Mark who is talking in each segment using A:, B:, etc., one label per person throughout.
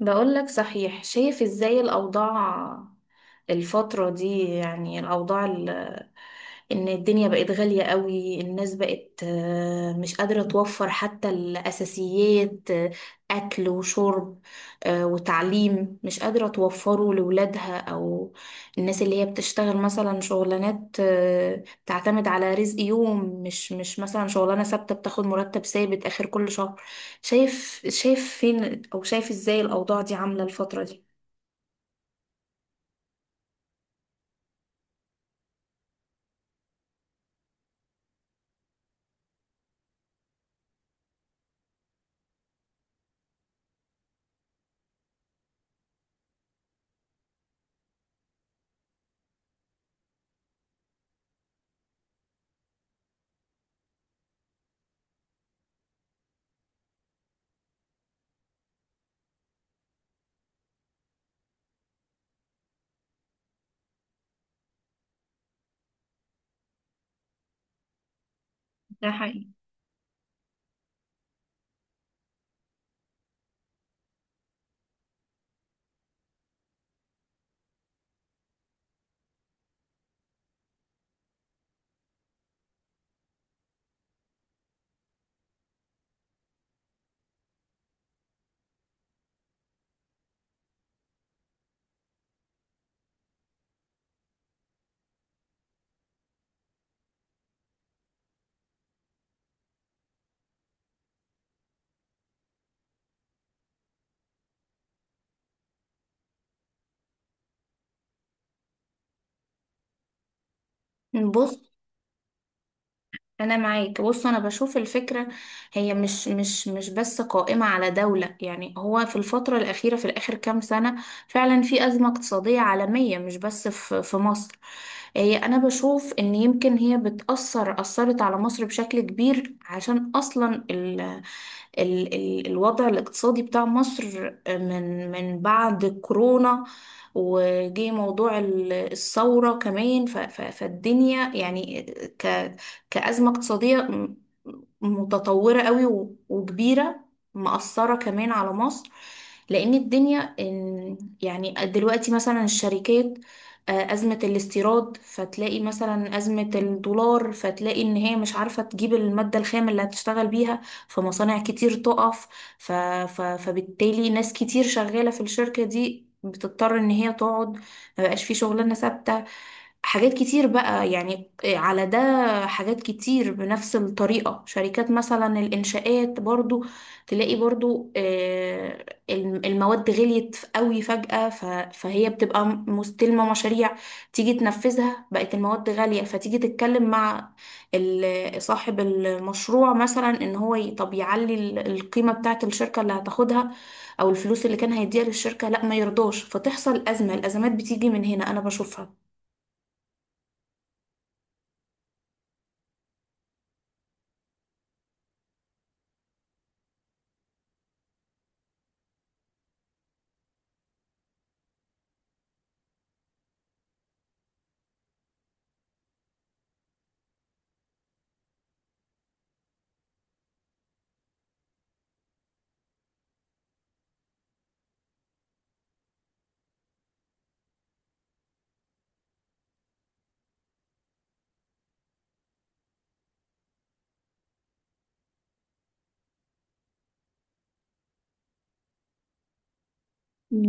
A: بقول لك، صحيح. شايف ازاي الأوضاع الفترة دي؟ يعني الأوضاع، ان الدنيا بقت غالية قوي. الناس بقت مش قادرة توفر حتى الأساسيات، أكل وشرب، وتعليم مش قادرة توفره لولادها، أو الناس اللي هي بتشتغل مثلا شغلانات، بتعتمد على رزق يوم، مش مثلا شغلانة ثابتة بتاخد مرتب ثابت آخر كل شهر. شايف فين، أو شايف إزاي الأوضاع دي عاملة الفترة دي؟ ده حقيقي. بص، انا معاك. بص، انا بشوف الفكره. هي مش بس قائمه على دوله، يعني هو في الفتره الاخيره، في الاخر كام سنه، فعلا في ازمه اقتصاديه عالميه، مش بس في مصر. هي انا بشوف ان يمكن هي بتاثر، اثرت على مصر بشكل كبير، عشان اصلا ال الوضع الاقتصادي بتاع مصر من بعد كورونا، وجي موضوع الثورة كمان، فالدنيا يعني كأزمة اقتصادية متطورة قوي وكبيرة، مأثرة كمان على مصر. لأن الدنيا يعني دلوقتي مثلا الشركات، أزمة الاستيراد، فتلاقي مثلا أزمة الدولار، فتلاقي إن هي مش عارفة تجيب المادة الخام اللي هتشتغل بيها، فمصانع كتير تقف. فبالتالي ناس كتير شغالة في الشركة دي بتضطر إن هي تقعد، مبقاش في شغلانة ثابتة، حاجات كتير بقى يعني على ده. حاجات كتير بنفس الطريقة، شركات مثلا الإنشاءات برضو، تلاقي برضو المواد غليت قوي فجأة، فهي بتبقى مستلمة مشاريع، تيجي تنفذها بقت المواد غالية، فتيجي تتكلم مع صاحب المشروع مثلا ان هو، طب يعلي القيمة بتاعة الشركة اللي هتاخدها، او الفلوس اللي كان هيديها للشركة، لا ما يرضاش، فتحصل أزمة. الأزمات بتيجي من هنا أنا بشوفها.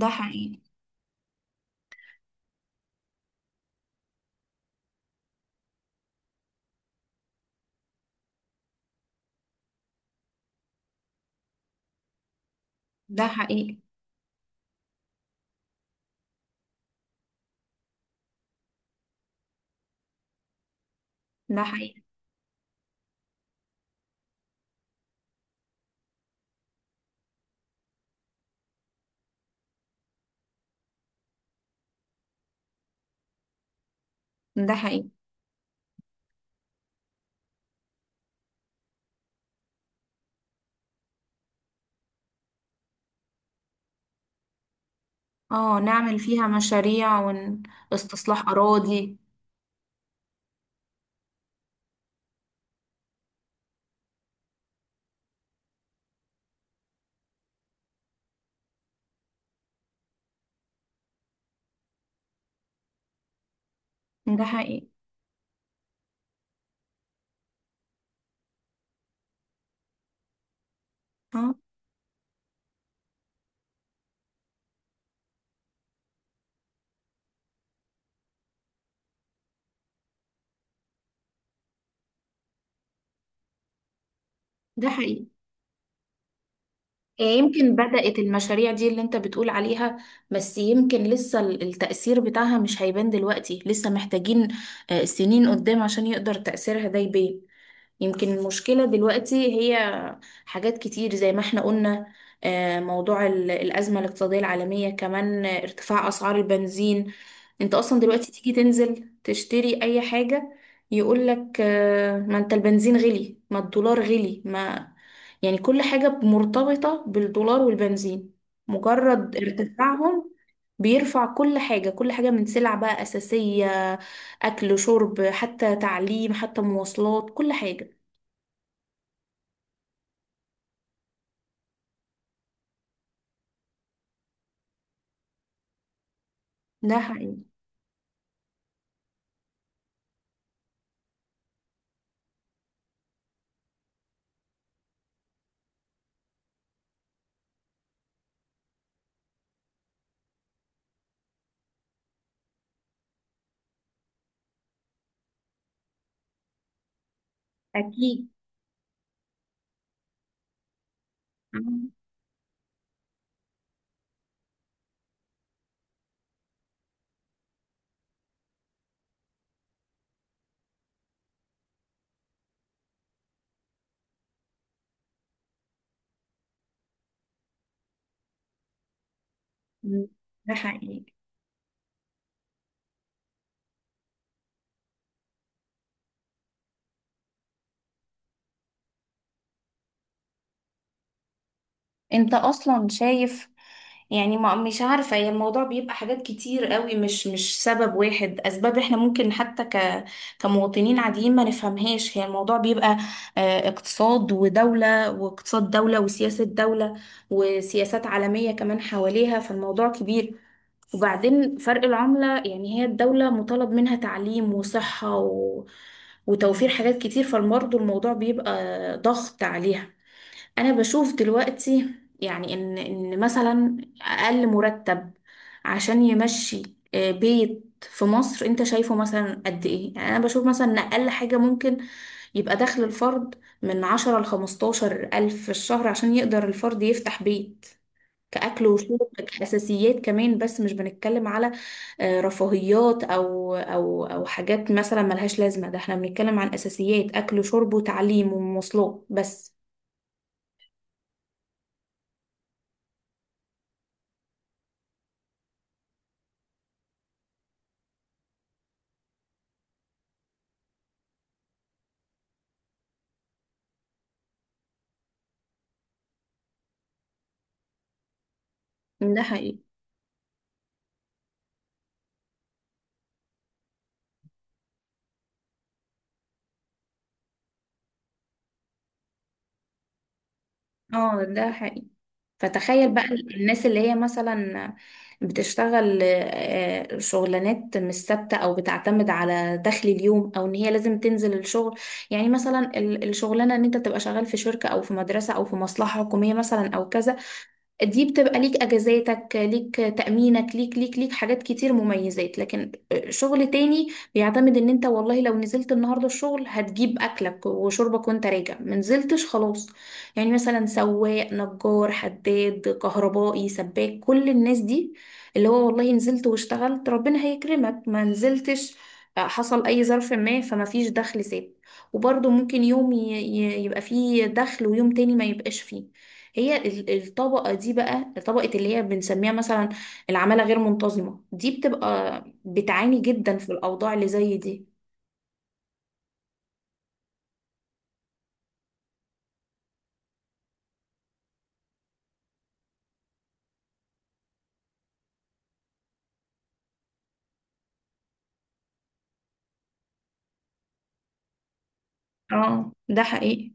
A: ده حقيقي. ده حقيقي. ده حقيقي. ده حقيقي. اه، نعمل فيها مشاريع. واستصلاح أراضي. ده حقيقي. اه، ده حقيقي. يمكن بدأت المشاريع دي اللي انت بتقول عليها، بس يمكن لسه التأثير بتاعها مش هيبان دلوقتي، لسه محتاجين سنين قدام عشان يقدر تأثيرها ده يبان. يمكن المشكلة دلوقتي هي حاجات كتير زي ما احنا قلنا، موضوع الأزمة الاقتصادية العالمية كمان، ارتفاع أسعار البنزين. انت أصلا دلوقتي تيجي تنزل تشتري أي حاجة يقولك ما انت البنزين غلي، ما الدولار غلي، ما... يعني كل حاجة مرتبطة بالدولار والبنزين، مجرد ارتفاعهم بيرفع كل حاجة، كل حاجة من سلع بقى أساسية، أكل، شرب، حتى تعليم، حتى مواصلات، كل حاجة. ده حقيقي. أكيد. مم. ده حقيقي. انت اصلا شايف. يعني ما مش عارفة، هي الموضوع بيبقى حاجات كتير قوي، مش سبب واحد، اسباب احنا ممكن حتى كمواطنين عاديين ما نفهمهاش. هي الموضوع بيبقى اقتصاد ودولة، واقتصاد دولة، وسياسة دولة، وسياسات عالمية كمان حواليها، فالموضوع كبير. وبعدين فرق العملة، يعني هي الدولة مطالب منها تعليم وصحة وتوفير حاجات كتير، فالمرضى الموضوع بيبقى ضغط عليها. انا بشوف دلوقتي يعني ان مثلا اقل مرتب عشان يمشي بيت في مصر، انت شايفه مثلا قد ايه؟ يعني انا بشوف مثلا ان اقل حاجة ممكن يبقى دخل الفرد من 10 لـ15 ألف في الشهر، عشان يقدر الفرد يفتح بيت، كأكل وشرب، كأساسيات كمان، بس مش بنتكلم على رفاهيات، او حاجات مثلا ملهاش لازمة. ده احنا بنتكلم عن أساسيات أكل وشرب وتعليم ومواصلات بس. ده حقيقي. اه، ده حقيقي. فتخيل بقى الناس اللي هي مثلا بتشتغل شغلانات مش ثابته، او بتعتمد على دخل اليوم، او ان هي لازم تنزل الشغل. يعني مثلا الشغلانه ان انت تبقى شغال في شركه، او في مدرسه، او في مصلحه حكوميه مثلا، او كذا، دي بتبقى ليك اجازاتك، ليك تأمينك، ليك حاجات كتير مميزات. لكن شغل تاني بيعتمد ان انت والله لو نزلت النهارده الشغل هتجيب اكلك وشربك وانت راجع، ما نزلتش خلاص. يعني مثلا سواق، نجار، حداد، كهربائي، سباك، كل الناس دي اللي هو والله نزلت واشتغلت ربنا هيكرمك، ما نزلتش حصل اي ظرف ما، فما فيش دخل ثابت. وبرضه ممكن يوم يبقى فيه دخل، ويوم تاني ما يبقاش فيه. هي الطبقة دي بقى، طبقة اللي هي بنسميها مثلا العمالة غير منتظمة، دي بتبقى بتعاني جدا في الأوضاع اللي زي دي. اه، ده حقيقي.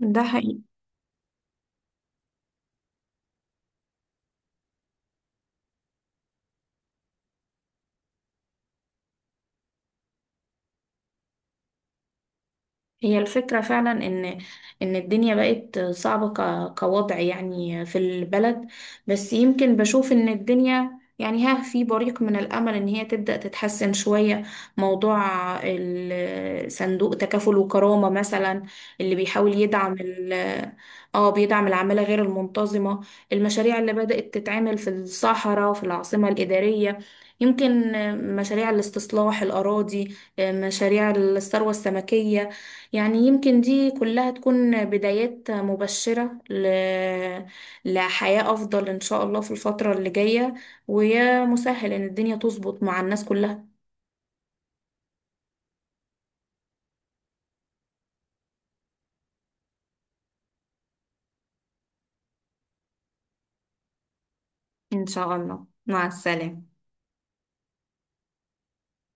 A: ده حقيقي. هي الفكرة فعلا إن الدنيا بقت صعبة كوضع يعني في البلد، بس يمكن بشوف إن الدنيا يعني في بريق من الأمل إن هي تبدأ تتحسن شوية. موضوع صندوق تكافل وكرامة مثلا، اللي بيحاول يدعم ال اه بيدعم العمالة غير المنتظمة، المشاريع اللي بدأت تتعمل في الصحراء، في العاصمة الإدارية، يمكن مشاريع الاستصلاح الأراضي، مشاريع الثروة السمكية. يعني يمكن دي كلها تكون بدايات مبشرة لحياة أفضل إن شاء الله في الفترة اللي جاية، ويا مسهل إن الدنيا تظبط مع الناس كلها. إن شاء الله، مع السلامة.